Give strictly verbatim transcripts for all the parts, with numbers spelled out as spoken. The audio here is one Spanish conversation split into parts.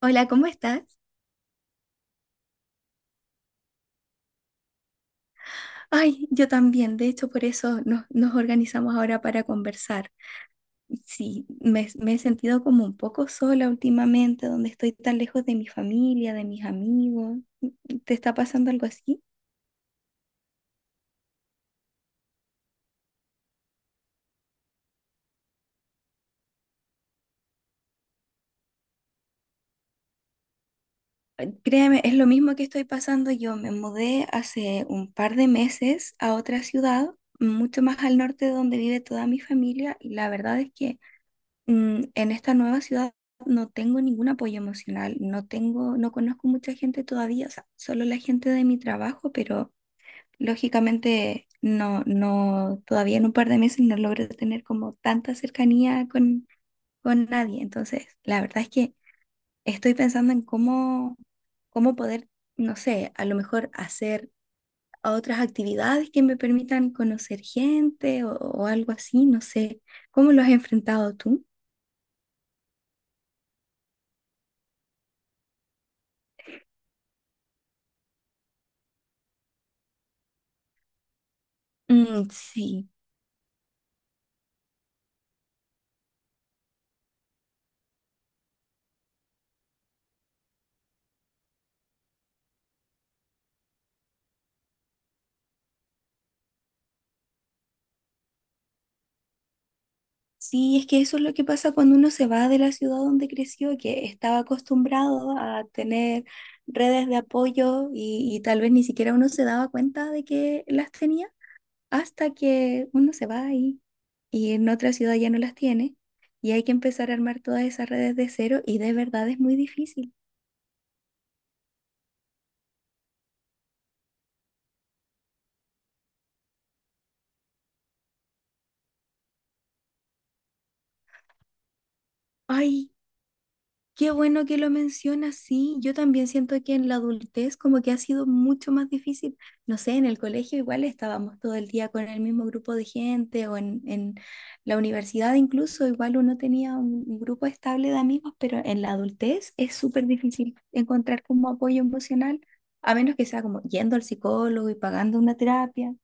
Hola, ¿cómo estás? Ay, yo también. De hecho, por eso nos, nos organizamos ahora para conversar. Sí, me, me he sentido como un poco sola últimamente, donde estoy tan lejos de mi familia, de mis amigos. ¿Te está pasando algo así? Eh, Créeme, es lo mismo que estoy pasando. Yo me mudé hace un par de meses a otra ciudad, mucho más al norte de donde vive toda mi familia, y la verdad es que mm, en esta nueva ciudad no tengo ningún apoyo emocional, no tengo, no conozco mucha gente todavía, o sea, solo la gente de mi trabajo, pero lógicamente no, no, todavía en un par de meses no logro tener como tanta cercanía con, con nadie. Entonces, la verdad es que estoy pensando en cómo, cómo poder, no sé, a lo mejor hacer otras actividades que me permitan conocer gente o, o algo así, no sé. ¿Cómo lo has enfrentado tú? Mm, sí. Sí, es que eso es lo que pasa cuando uno se va de la ciudad donde creció, que estaba acostumbrado a tener redes de apoyo y, y tal vez ni siquiera uno se daba cuenta de que las tenía hasta que uno se va ahí y en otra ciudad ya no las tiene y hay que empezar a armar todas esas redes de cero y de verdad es muy difícil. Ay, qué bueno que lo mencionas, sí. Yo también siento que en la adultez como que ha sido mucho más difícil. No sé, en el colegio igual estábamos todo el día con el mismo grupo de gente o en, en la universidad incluso igual uno tenía un un grupo estable de amigos, pero en la adultez es súper difícil encontrar como apoyo emocional, a menos que sea como yendo al psicólogo y pagando una terapia.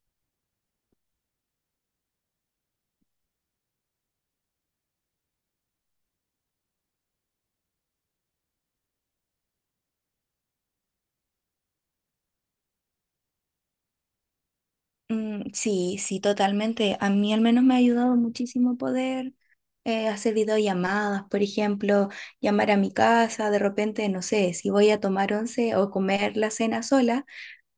Mm, sí, sí, totalmente. A mí al menos me ha ayudado muchísimo poder eh, hacer videollamadas, por ejemplo, llamar a mi casa, de repente, no sé, si voy a tomar once o comer la cena sola,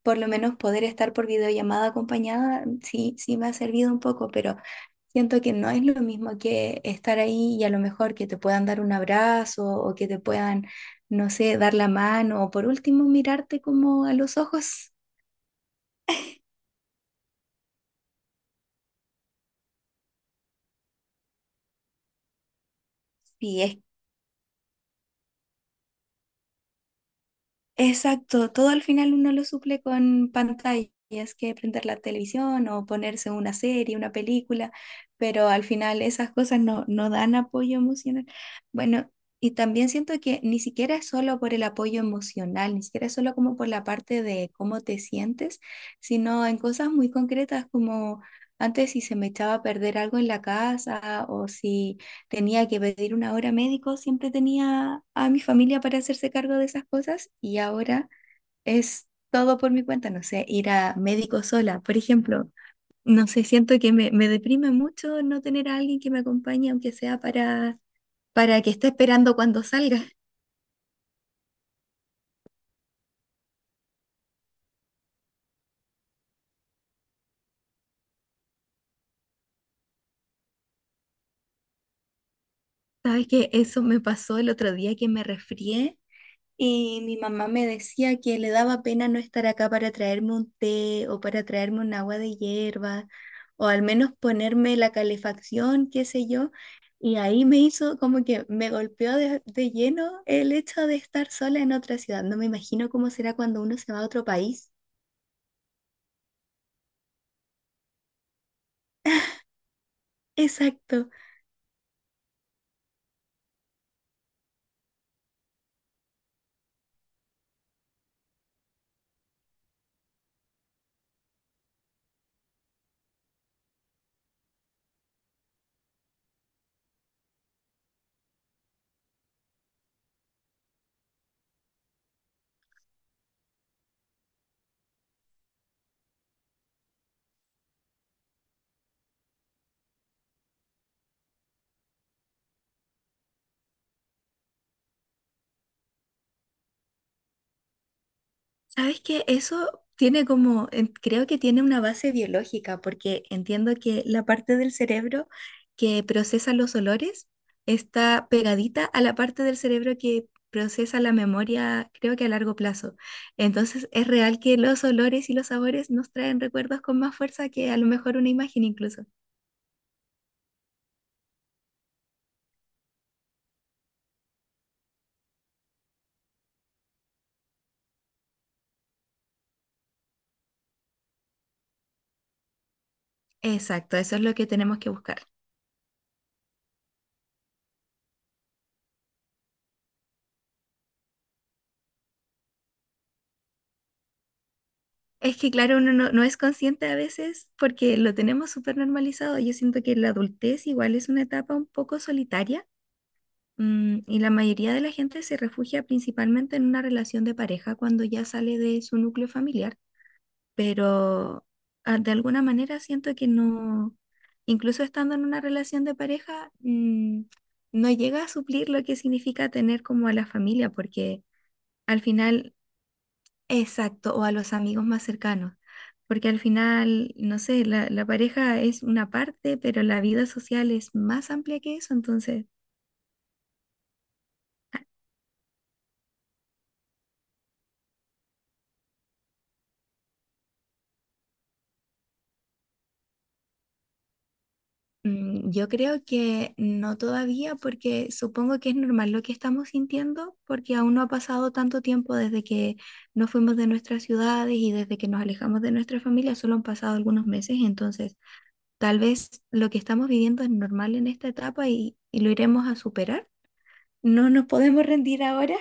por lo menos poder estar por videollamada acompañada, mm, sí, sí me ha servido un poco, pero siento que no es lo mismo que estar ahí y a lo mejor que te puedan dar un abrazo o que te puedan, no sé, dar la mano o por último mirarte como a los ojos, si es. Exacto, todo al final uno lo suple con pantallas, que prender la televisión o ponerse una serie, una película, pero al final esas cosas no, no dan apoyo emocional. Bueno, y también siento que ni siquiera es solo por el apoyo emocional, ni siquiera es solo como por la parte de cómo te sientes, sino en cosas muy concretas como antes si se me echaba a perder algo en la casa o si tenía que pedir una hora médico, siempre tenía a mi familia para hacerse cargo de esas cosas y ahora es todo por mi cuenta, no sé, ir a médico sola, por ejemplo. No sé, siento que me, me deprime mucho no tener a alguien que me acompañe, aunque sea para, para que esté esperando cuando salga. Sabes que eso me pasó el otro día que me resfrié. Y mi mamá me decía que le daba pena no estar acá para traerme un té o para traerme un agua de hierba o al menos ponerme la calefacción, qué sé yo. Y ahí me hizo como que me golpeó de, de lleno el hecho de estar sola en otra ciudad. No me imagino cómo será cuando uno se va a otro país. Exacto. Sabes que eso tiene como, en- creo que tiene una base biológica, porque entiendo que la parte del cerebro que procesa los olores está pegadita a la parte del cerebro que procesa la memoria, creo que a largo plazo. Entonces, es real que los olores y los sabores nos traen recuerdos con más fuerza que a lo mejor una imagen incluso. Exacto, eso es lo que tenemos que buscar. Es que, claro, uno no, no es consciente a veces porque lo tenemos súper normalizado. Yo siento que la adultez igual es una etapa un poco solitaria, mm, y la mayoría de la gente se refugia principalmente en una relación de pareja cuando ya sale de su núcleo familiar, pero ah, de alguna manera siento que no, incluso estando en una relación de pareja, mm, no llega a suplir lo que significa tener como a la familia, porque al final. Exacto, o a los amigos más cercanos, porque al final, no sé, la, la pareja es una parte, pero la vida social es más amplia que eso, entonces mm, yo creo que no todavía, porque supongo que es normal lo que estamos sintiendo, porque aún no ha pasado tanto tiempo desde que nos fuimos de nuestras ciudades y desde que nos alejamos de nuestra familia, solo han pasado algunos meses, entonces tal vez lo que estamos viviendo es normal en esta etapa y, y lo iremos a superar. No nos podemos rendir ahora.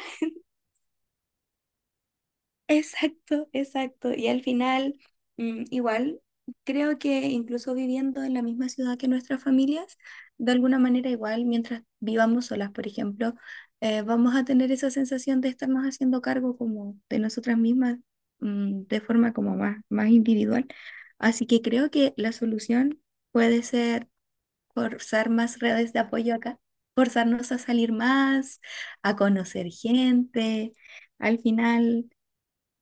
Exacto, exacto. Y al final, mm, igual, creo que incluso viviendo en la misma ciudad que nuestras familias, de alguna manera igual, mientras vivamos solas, por ejemplo, eh, vamos a tener esa sensación de estarnos haciendo cargo como de nosotras mismas, mm, de forma como más, más individual. Así que creo que la solución puede ser forzar más redes de apoyo acá, forzarnos a salir más, a conocer gente. Al final...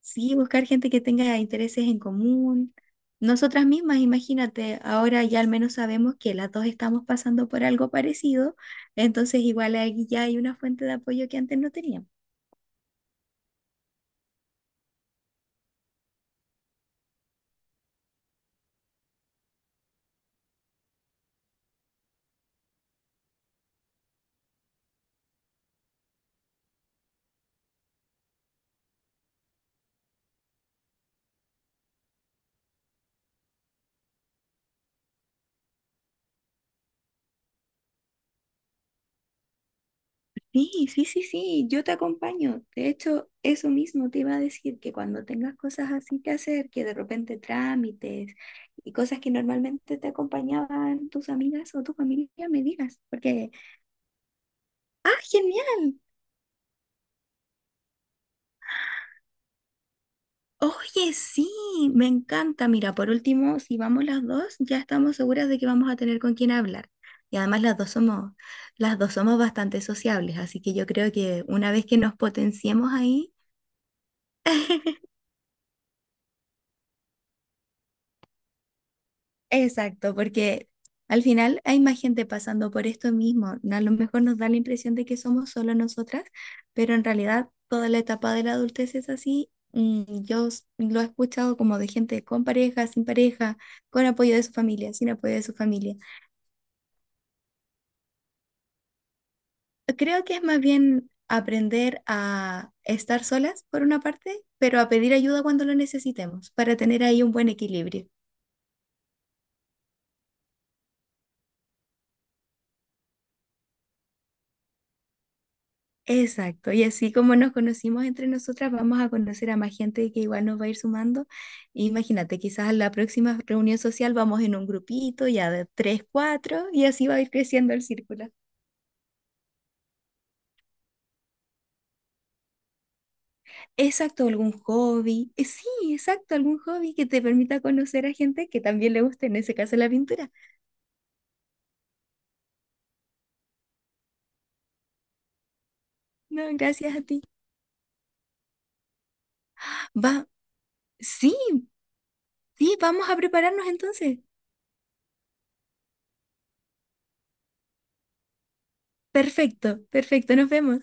sí, buscar gente que tenga intereses en común. Nosotras mismas, imagínate, ahora ya al menos sabemos que las dos estamos pasando por algo parecido, entonces igual ahí ya hay una fuente de apoyo que antes no teníamos. Sí, sí, sí, sí, yo te acompaño. De hecho, eso mismo te iba a decir, que cuando tengas cosas así que hacer, que de repente trámites y cosas que normalmente te acompañaban tus amigas o tu familia, me digas, porque, ah, genial. Oye, sí, me encanta. Mira, por último, si vamos las dos, ya estamos seguras de que vamos a tener con quién hablar. Y además las dos somos, las dos somos bastante sociables, así que yo creo que una vez que nos potenciemos ahí, exacto, porque al final hay más gente pasando por esto mismo. A lo mejor nos da la impresión de que somos solo nosotras, pero en realidad toda la etapa de la adultez es así. Mm, yo s- lo he escuchado como de gente con pareja, sin pareja, con apoyo de su familia, sin apoyo de su familia. Creo que es más bien aprender a estar solas por una parte, pero a pedir ayuda cuando lo necesitemos para tener ahí un buen equilibrio. Exacto, y así como nos conocimos entre nosotras, vamos a conocer a más gente que igual nos va a ir sumando. Imagínate, quizás la próxima reunión social vamos en un grupito ya de tres, cuatro, y así va a ir creciendo el círculo. Exacto, algún hobby. Eh, Sí, exacto, algún hobby que te permita conocer a gente que también le guste, en ese caso la pintura. No, gracias a ti. Va, sí, sí, vamos a prepararnos entonces. Perfecto, perfecto, nos vemos.